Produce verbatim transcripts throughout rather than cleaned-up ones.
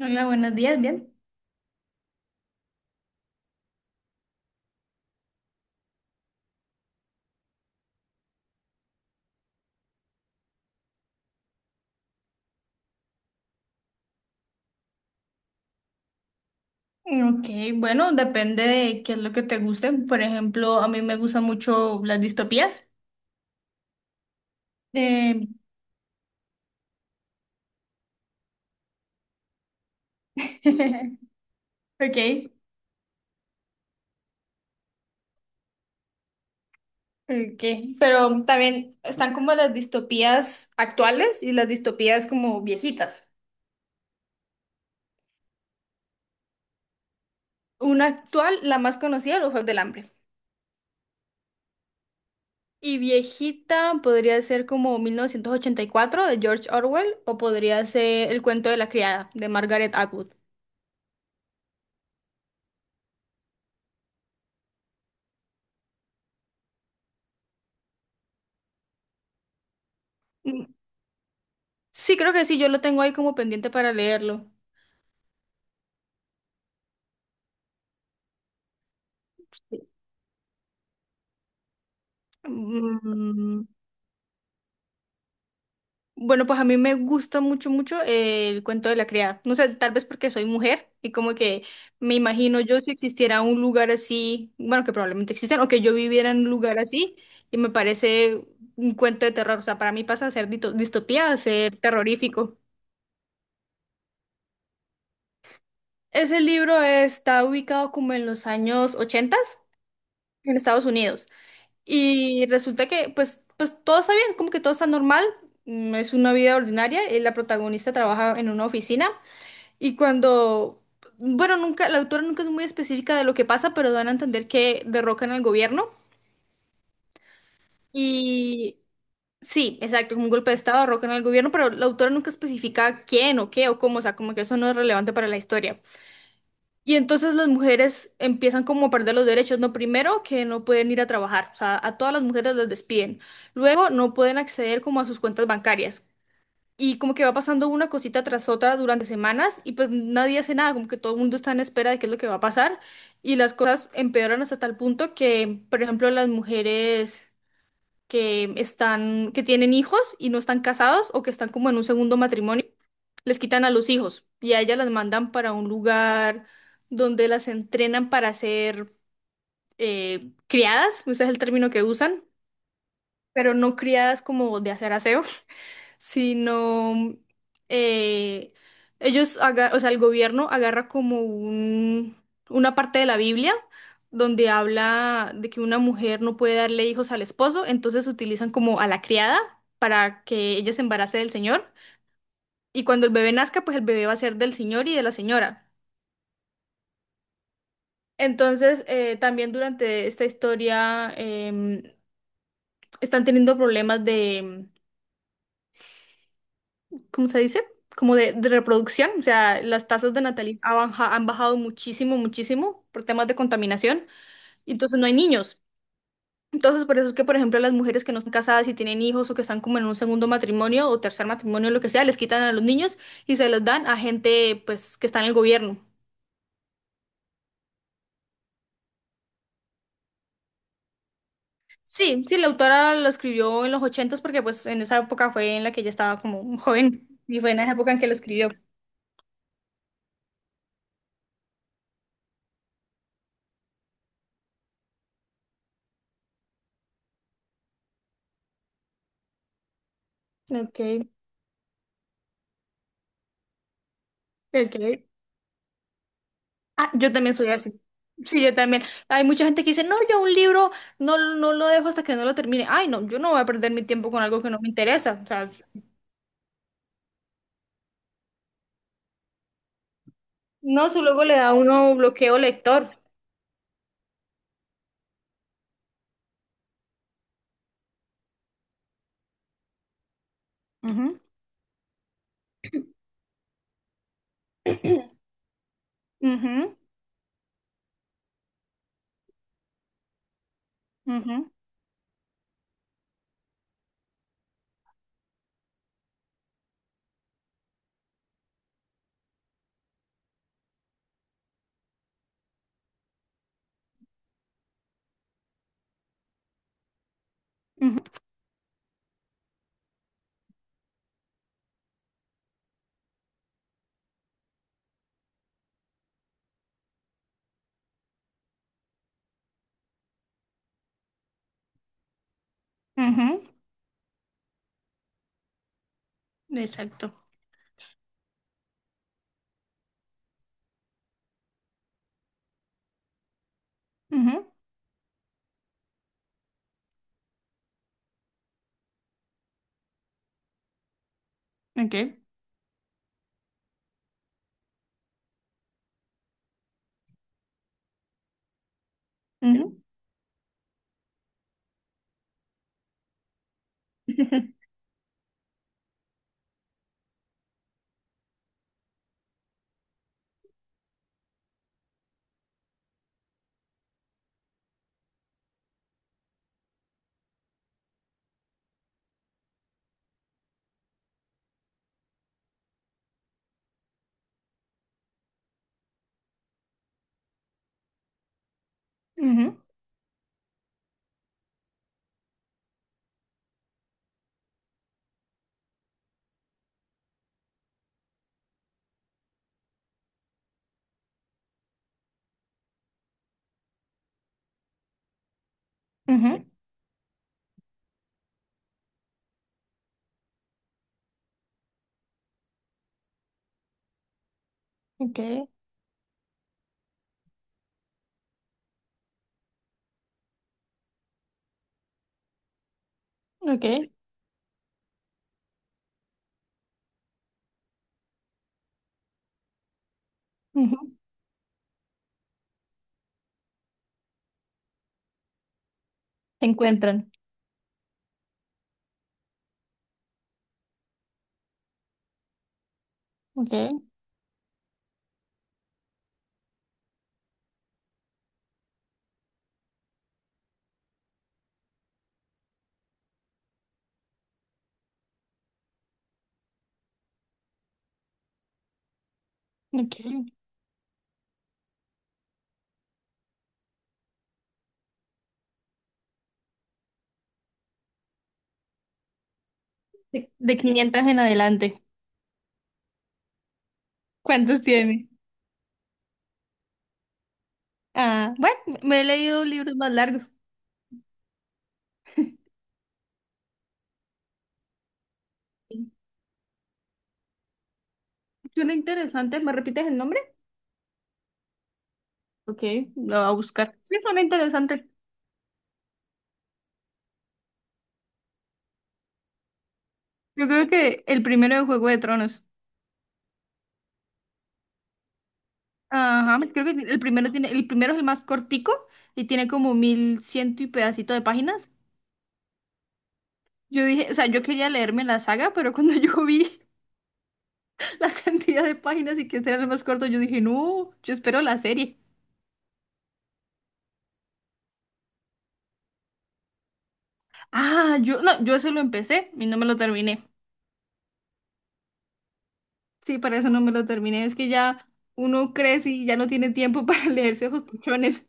Hola, buenos días, bien. Ok, bueno, depende de qué es lo que te guste. Por ejemplo, a mí me gustan mucho las distopías. Eh, ok, ok. Pero también están como las distopías actuales y las distopías como viejitas. Una actual, la más conocida, Los Juegos del Hambre. Y viejita podría ser como mil novecientos ochenta y cuatro de George Orwell o podría ser El cuento de la criada de Margaret Atwood. Mm, Sí, creo que sí, yo lo tengo ahí como pendiente para leerlo. Mm, Bueno, pues a mí me gusta mucho, mucho el cuento de la criada. No sé, tal vez porque soy mujer y como que me imagino yo si existiera un lugar así, bueno, que probablemente existan, o que yo viviera en un lugar así y me parece un cuento de terror. O sea, para mí pasa a ser dito- distopía, a ser terrorífico. Ese libro está ubicado como en los años ochenta en Estados Unidos. Y resulta que, pues, pues todo está bien, como que todo está normal. mm, Es una vida ordinaria. eh, La protagonista trabaja en una oficina y cuando, bueno, nunca, la autora nunca es muy específica de lo que pasa, pero dan a entender que derrocan al gobierno. Y sí, exacto, como un golpe de estado derrocan al gobierno, pero la autora nunca especifica quién o qué o cómo, o sea, como que eso no es relevante para la historia. Y entonces las mujeres empiezan como a perder los derechos, ¿no? Primero que no pueden ir a trabajar, o sea, a todas las mujeres las despiden. Luego no pueden acceder como a sus cuentas bancarias. Y como que va pasando una cosita tras otra durante semanas y pues nadie hace nada, como que todo el mundo está en espera de qué es lo que va a pasar. Y las cosas empeoran hasta tal punto que, por ejemplo, las mujeres que están, que tienen hijos y no están casados o que están como en un segundo matrimonio, les quitan a los hijos y a ellas las mandan para un lugar donde las entrenan para ser eh, criadas, ese es el término que usan, pero no criadas como de hacer aseo sino eh, ellos, aga- o sea, el gobierno agarra como un, una parte de la Biblia donde habla de que una mujer no puede darle hijos al esposo, entonces utilizan como a la criada para que ella se embarace del señor y cuando el bebé nazca, pues el bebé va a ser del señor y de la señora. Entonces, eh, también durante esta historia em, están teniendo problemas, ¿cómo se dice? Como de, de reproducción. O sea, las tasas de natalidad ha baja- han bajado muchísimo, muchísimo por temas de contaminación. Y entonces no hay niños. Entonces, por eso es que, por ejemplo, las mujeres que no están casadas y tienen hijos o que están como en un segundo matrimonio o tercer matrimonio, lo que sea, les quitan a los niños y se los dan a gente, pues, que está en el gobierno. Sí, sí, la autora lo escribió en los ochentas porque, pues, en esa época fue en la que ella estaba como joven y fue en esa época en que lo escribió. Ok, ok. Ah, yo también soy así. Sí, yo también. Hay mucha gente que dice, no, yo un libro no, no lo dejo hasta que no lo termine. Ay, no, yo no voy a perder mi tiempo con algo que no me interesa. O sea, no, eso luego le da a uno bloqueo lector. Ujú, ujú, ujú, ujú, ujú. Exacto. Ujú, okay. Ujú, ujú, ujú. Okay, okay. Ujú. Se encuentran. Okay, okay. De, de quinientas en adelante. ¿Cuántos tiene? Ah, bueno, me he leído libros más largos. Suena interesante, ¿me repites el nombre? Ok, lo voy a buscar. Sí, suena interesante. Yo creo que el primero de Juego de Tronos. Ajá, creo que el primero tiene, el primero es el más cortico y tiene como mil ciento y pedacito de páginas. Yo dije, o sea, yo quería leerme la saga, pero cuando yo vi la cantidad de páginas y que este era el más corto, yo dije, no, yo espero la serie. Ah, yo, no, yo eso lo empecé y no me lo terminé. Sí, para eso no me lo terminé. Es que ya uno crece y ya no tiene tiempo para leerse esos tochones.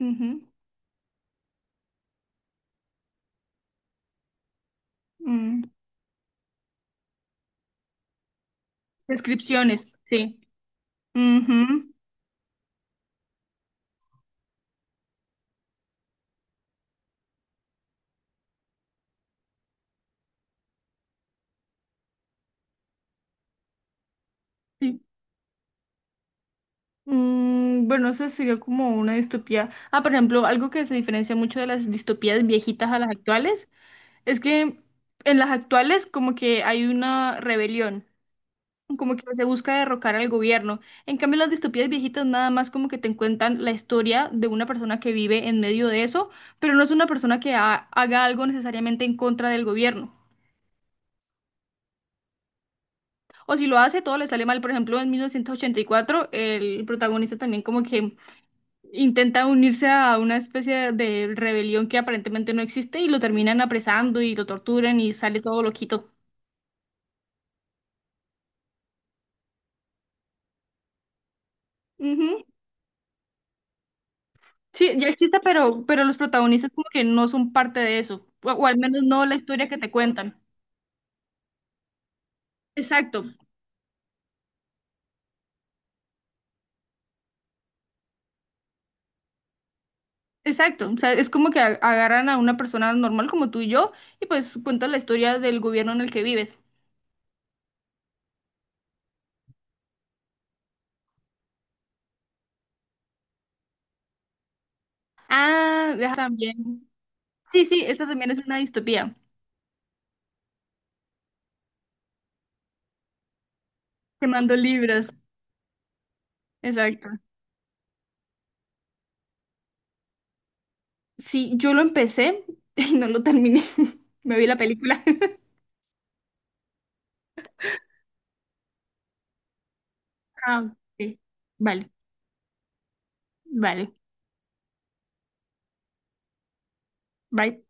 Ujú. Mm. Descripciones, sí. Ujú. Sí. Mm, bueno, eso sería como una distopía. Ah, por ejemplo, algo que se diferencia mucho de las distopías viejitas a las actuales es que en las actuales como que hay una rebelión, como que se busca derrocar al gobierno. En cambio, las distopías viejitas nada más como que te cuentan la historia de una persona que vive en medio de eso, pero no es una persona que ha- haga algo necesariamente en contra del gobierno. O si lo hace, todo le sale mal. Por ejemplo, en mil novecientos ochenta y cuatro, el protagonista también como que intenta unirse a una especie de rebelión que aparentemente no existe y lo terminan apresando y lo torturan y sale todo loquito. Ujú. Sí, ya existe, pero, pero los protagonistas como que no son parte de eso, o, o al menos no la historia que te cuentan. Exacto, exacto. O sea, es como que a- agarran a una persona normal como tú y yo y pues cuentan la historia del gobierno en el que vives. Ah, deja también. Sí, sí, esta también es una distopía. Quemando libras, exacto. Sí, yo lo empecé y no lo terminé. Me vi la película. Ah, ok. Vale, vale. Bye.